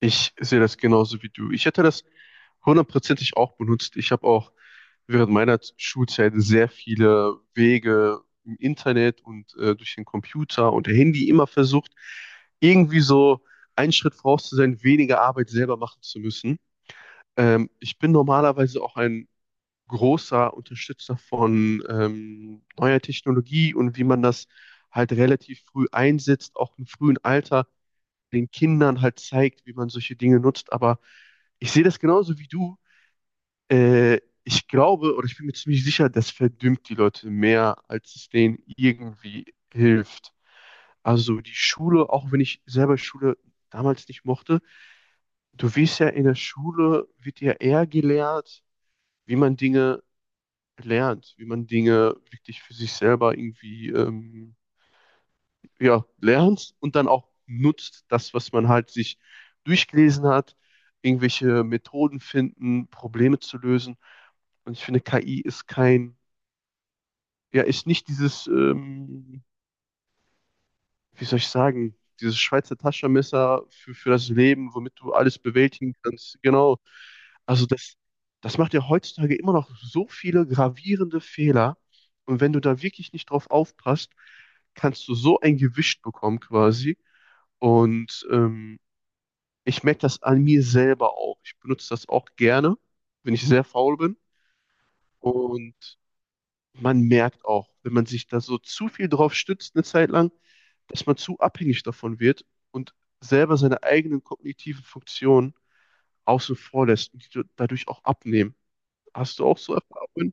Ich sehe das genauso wie du. Ich hätte das hundertprozentig auch benutzt. Ich habe auch während meiner Schulzeit sehr viele Wege im Internet und durch den Computer und Handy immer versucht, irgendwie so einen Schritt voraus zu sein, weniger Arbeit selber machen zu müssen. Ich bin normalerweise auch ein großer Unterstützer von neuer Technologie und wie man das halt relativ früh einsetzt, auch im frühen Alter den Kindern halt zeigt, wie man solche Dinge nutzt. Aber ich sehe das genauso wie du. Ich glaube, oder ich bin mir ziemlich sicher, das verdümmt die Leute mehr, als es denen irgendwie hilft. Also die Schule, auch wenn ich selber Schule damals nicht mochte, du wirst ja in der Schule, wird ja eher gelehrt, wie man Dinge lernt, wie man Dinge wirklich für sich selber irgendwie ja, lernt und dann auch nutzt, das, was man halt sich durchgelesen hat, irgendwelche Methoden finden, Probleme zu lösen. Und ich finde, KI ist kein, ja, ist nicht dieses, wie soll ich sagen, dieses Schweizer Taschenmesser für das Leben, womit du alles bewältigen kannst. Genau. Also das, das macht ja heutzutage immer noch so viele gravierende Fehler. Und wenn du da wirklich nicht drauf aufpasst, kannst du so ein Gewicht bekommen quasi. Und ähm, Ich merke das an mir selber auch. Ich benutze das auch gerne, wenn ich sehr faul bin. Und man merkt auch, wenn man sich da so zu viel drauf stützt eine Zeit lang, dass man zu abhängig davon wird und selber seine eigenen kognitiven Funktionen außen vor lässt und die dadurch auch abnehmen. Hast du auch so Erfahrungen?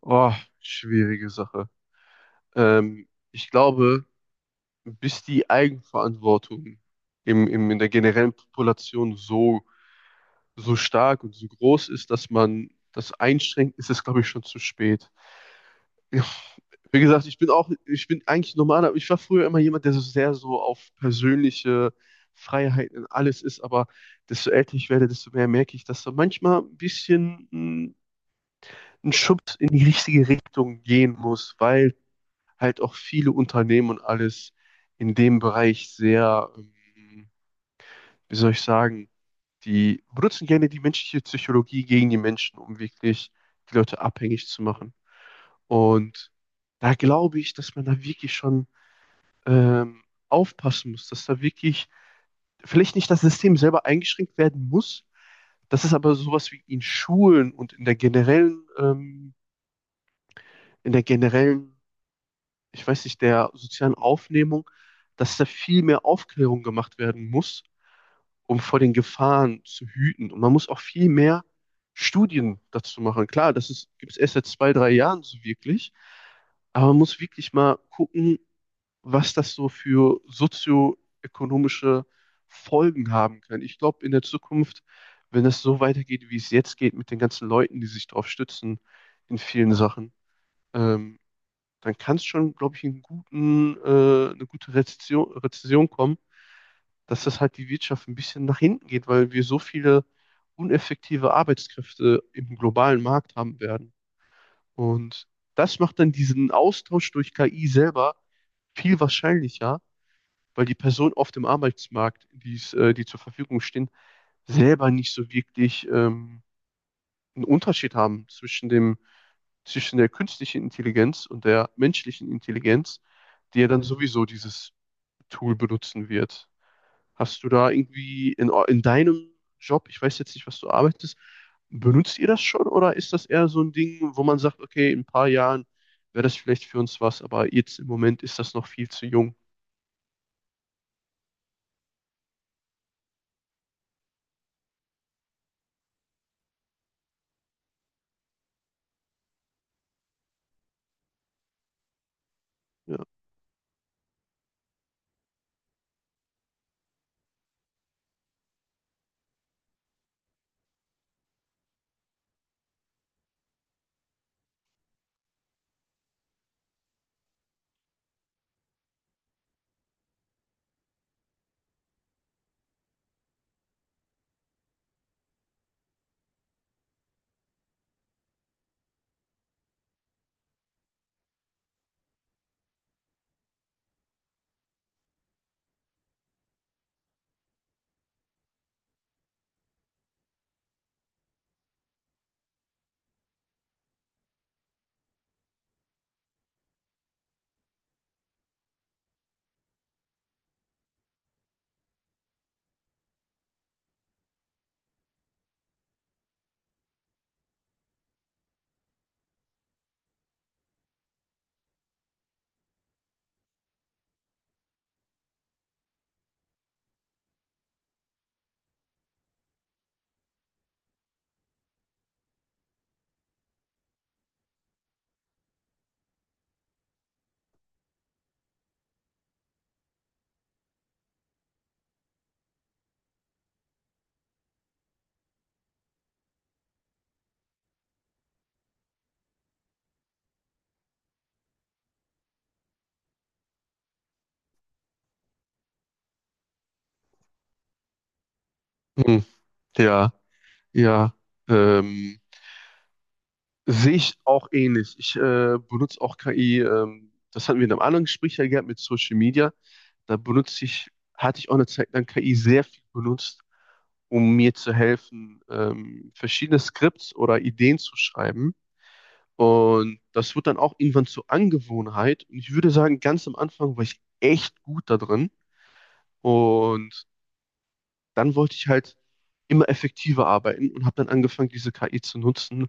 Oh, schwierige Sache. Ich glaube, bis die Eigenverantwortung in der generellen Population so so stark und so groß ist, dass man das einschränkt, ist es, glaube ich, schon zu spät. Ja, wie gesagt, ich bin auch, ich bin eigentlich normal, aber ich war früher immer jemand, der so sehr so auf persönliche Freiheiten in alles ist, aber desto älter ich werde, desto mehr merke ich, dass da manchmal ein bisschen ein Schubs in die richtige Richtung gehen muss, weil halt auch viele Unternehmen und alles in dem Bereich sehr, wie soll ich sagen, die benutzen gerne die menschliche Psychologie gegen die Menschen, um wirklich die Leute abhängig zu machen. Und da glaube ich, dass man da wirklich schon ähm, aufpassen muss, dass da wirklich vielleicht nicht das System selber eingeschränkt werden muss, dass es aber sowas wie in Schulen und in der generellen, in der generellen, ich weiß nicht, der sozialen Aufnehmung, dass da viel mehr Aufklärung gemacht werden muss, um vor den Gefahren zu hüten. Und man muss auch viel mehr Studien dazu machen. Klar, das gibt es erst seit zwei, drei Jahren so wirklich, aber man muss wirklich mal gucken, was das so für sozioökonomische Folgen haben kann. Ich glaube, in der Zukunft, wenn das so weitergeht, wie es jetzt geht, mit den ganzen Leuten, die sich darauf stützen in vielen Sachen, ähm, dann kann es schon, glaube ich, einen guten, eine gute Rezession kommen, dass das halt die Wirtschaft ein bisschen nach hinten geht, weil wir so viele uneffektive Arbeitskräfte im globalen Markt haben werden. Und das macht dann diesen Austausch durch KI selber viel wahrscheinlicher, weil die Personen auf dem Arbeitsmarkt, die zur Verfügung stehen, selber nicht so wirklich einen Unterschied haben zwischen dem, zwischen der künstlichen Intelligenz und der menschlichen Intelligenz, die ja dann sowieso dieses Tool benutzen wird. Hast du da irgendwie in deinem Job, ich weiß jetzt nicht, was du arbeitest, benutzt ihr das schon, oder ist das eher so ein Ding, wo man sagt, okay, in ein paar Jahren wäre das vielleicht für uns was, aber jetzt im Moment ist das noch viel zu jung? Ja. Hm, ja, ja. Ähm, Sehe ich auch ähnlich. Ich benutze auch KI, das hatten wir in einem anderen Gespräch ja gehabt mit Social Media. Da benutze ich, hatte ich auch eine Zeit lang KI sehr viel benutzt, um mir zu helfen, verschiedene Skripts oder Ideen zu schreiben. Und das wird dann auch irgendwann zur Angewohnheit. Und ich würde sagen, ganz am Anfang war ich echt gut da drin. Und dann wollte ich halt immer effektiver arbeiten und habe dann angefangen, diese KI zu nutzen,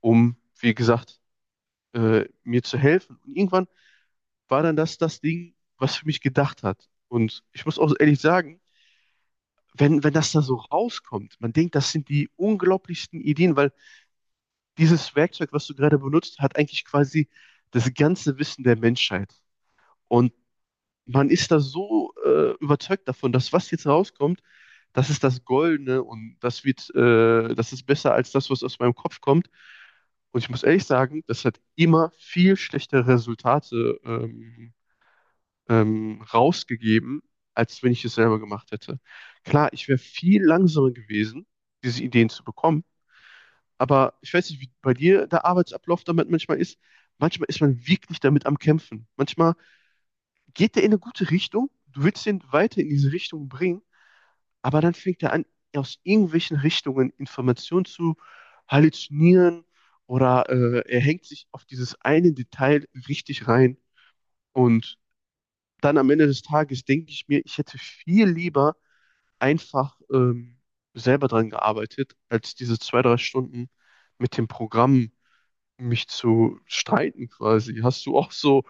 um, wie gesagt, mir zu helfen. Und irgendwann war dann das das Ding, was für mich gedacht hat. Und ich muss auch so ehrlich sagen, wenn das da so rauskommt, man denkt, das sind die unglaublichsten Ideen, weil dieses Werkzeug, was du gerade benutzt, hat eigentlich quasi das ganze Wissen der Menschheit. Und man ist da so überzeugt davon, dass was jetzt rauskommt, das ist das Goldene und das wird, das ist besser als das, was aus meinem Kopf kommt. Und ich muss ehrlich sagen, das hat immer viel schlechtere Resultate rausgegeben, als wenn ich es selber gemacht hätte. Klar, ich wäre viel langsamer gewesen, diese Ideen zu bekommen, aber ich weiß nicht, wie bei dir der Arbeitsablauf damit manchmal ist. Manchmal ist man wirklich damit am Kämpfen. Manchmal geht der in eine gute Richtung, du willst den weiter in diese Richtung bringen, aber dann fängt er an, aus irgendwelchen Richtungen Informationen zu halluzinieren, oder er hängt sich auf dieses eine Detail richtig rein, und dann am Ende des Tages denke ich mir, ich hätte viel lieber einfach selber dran gearbeitet, als diese zwei, drei Stunden mit dem Programm mich zu streiten quasi. Hast du auch so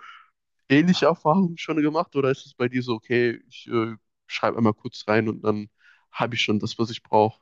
ähnliche Erfahrungen schon gemacht, oder ist es bei dir so, okay, ich schreibe einmal kurz rein und dann habe ich schon das, was ich brauche?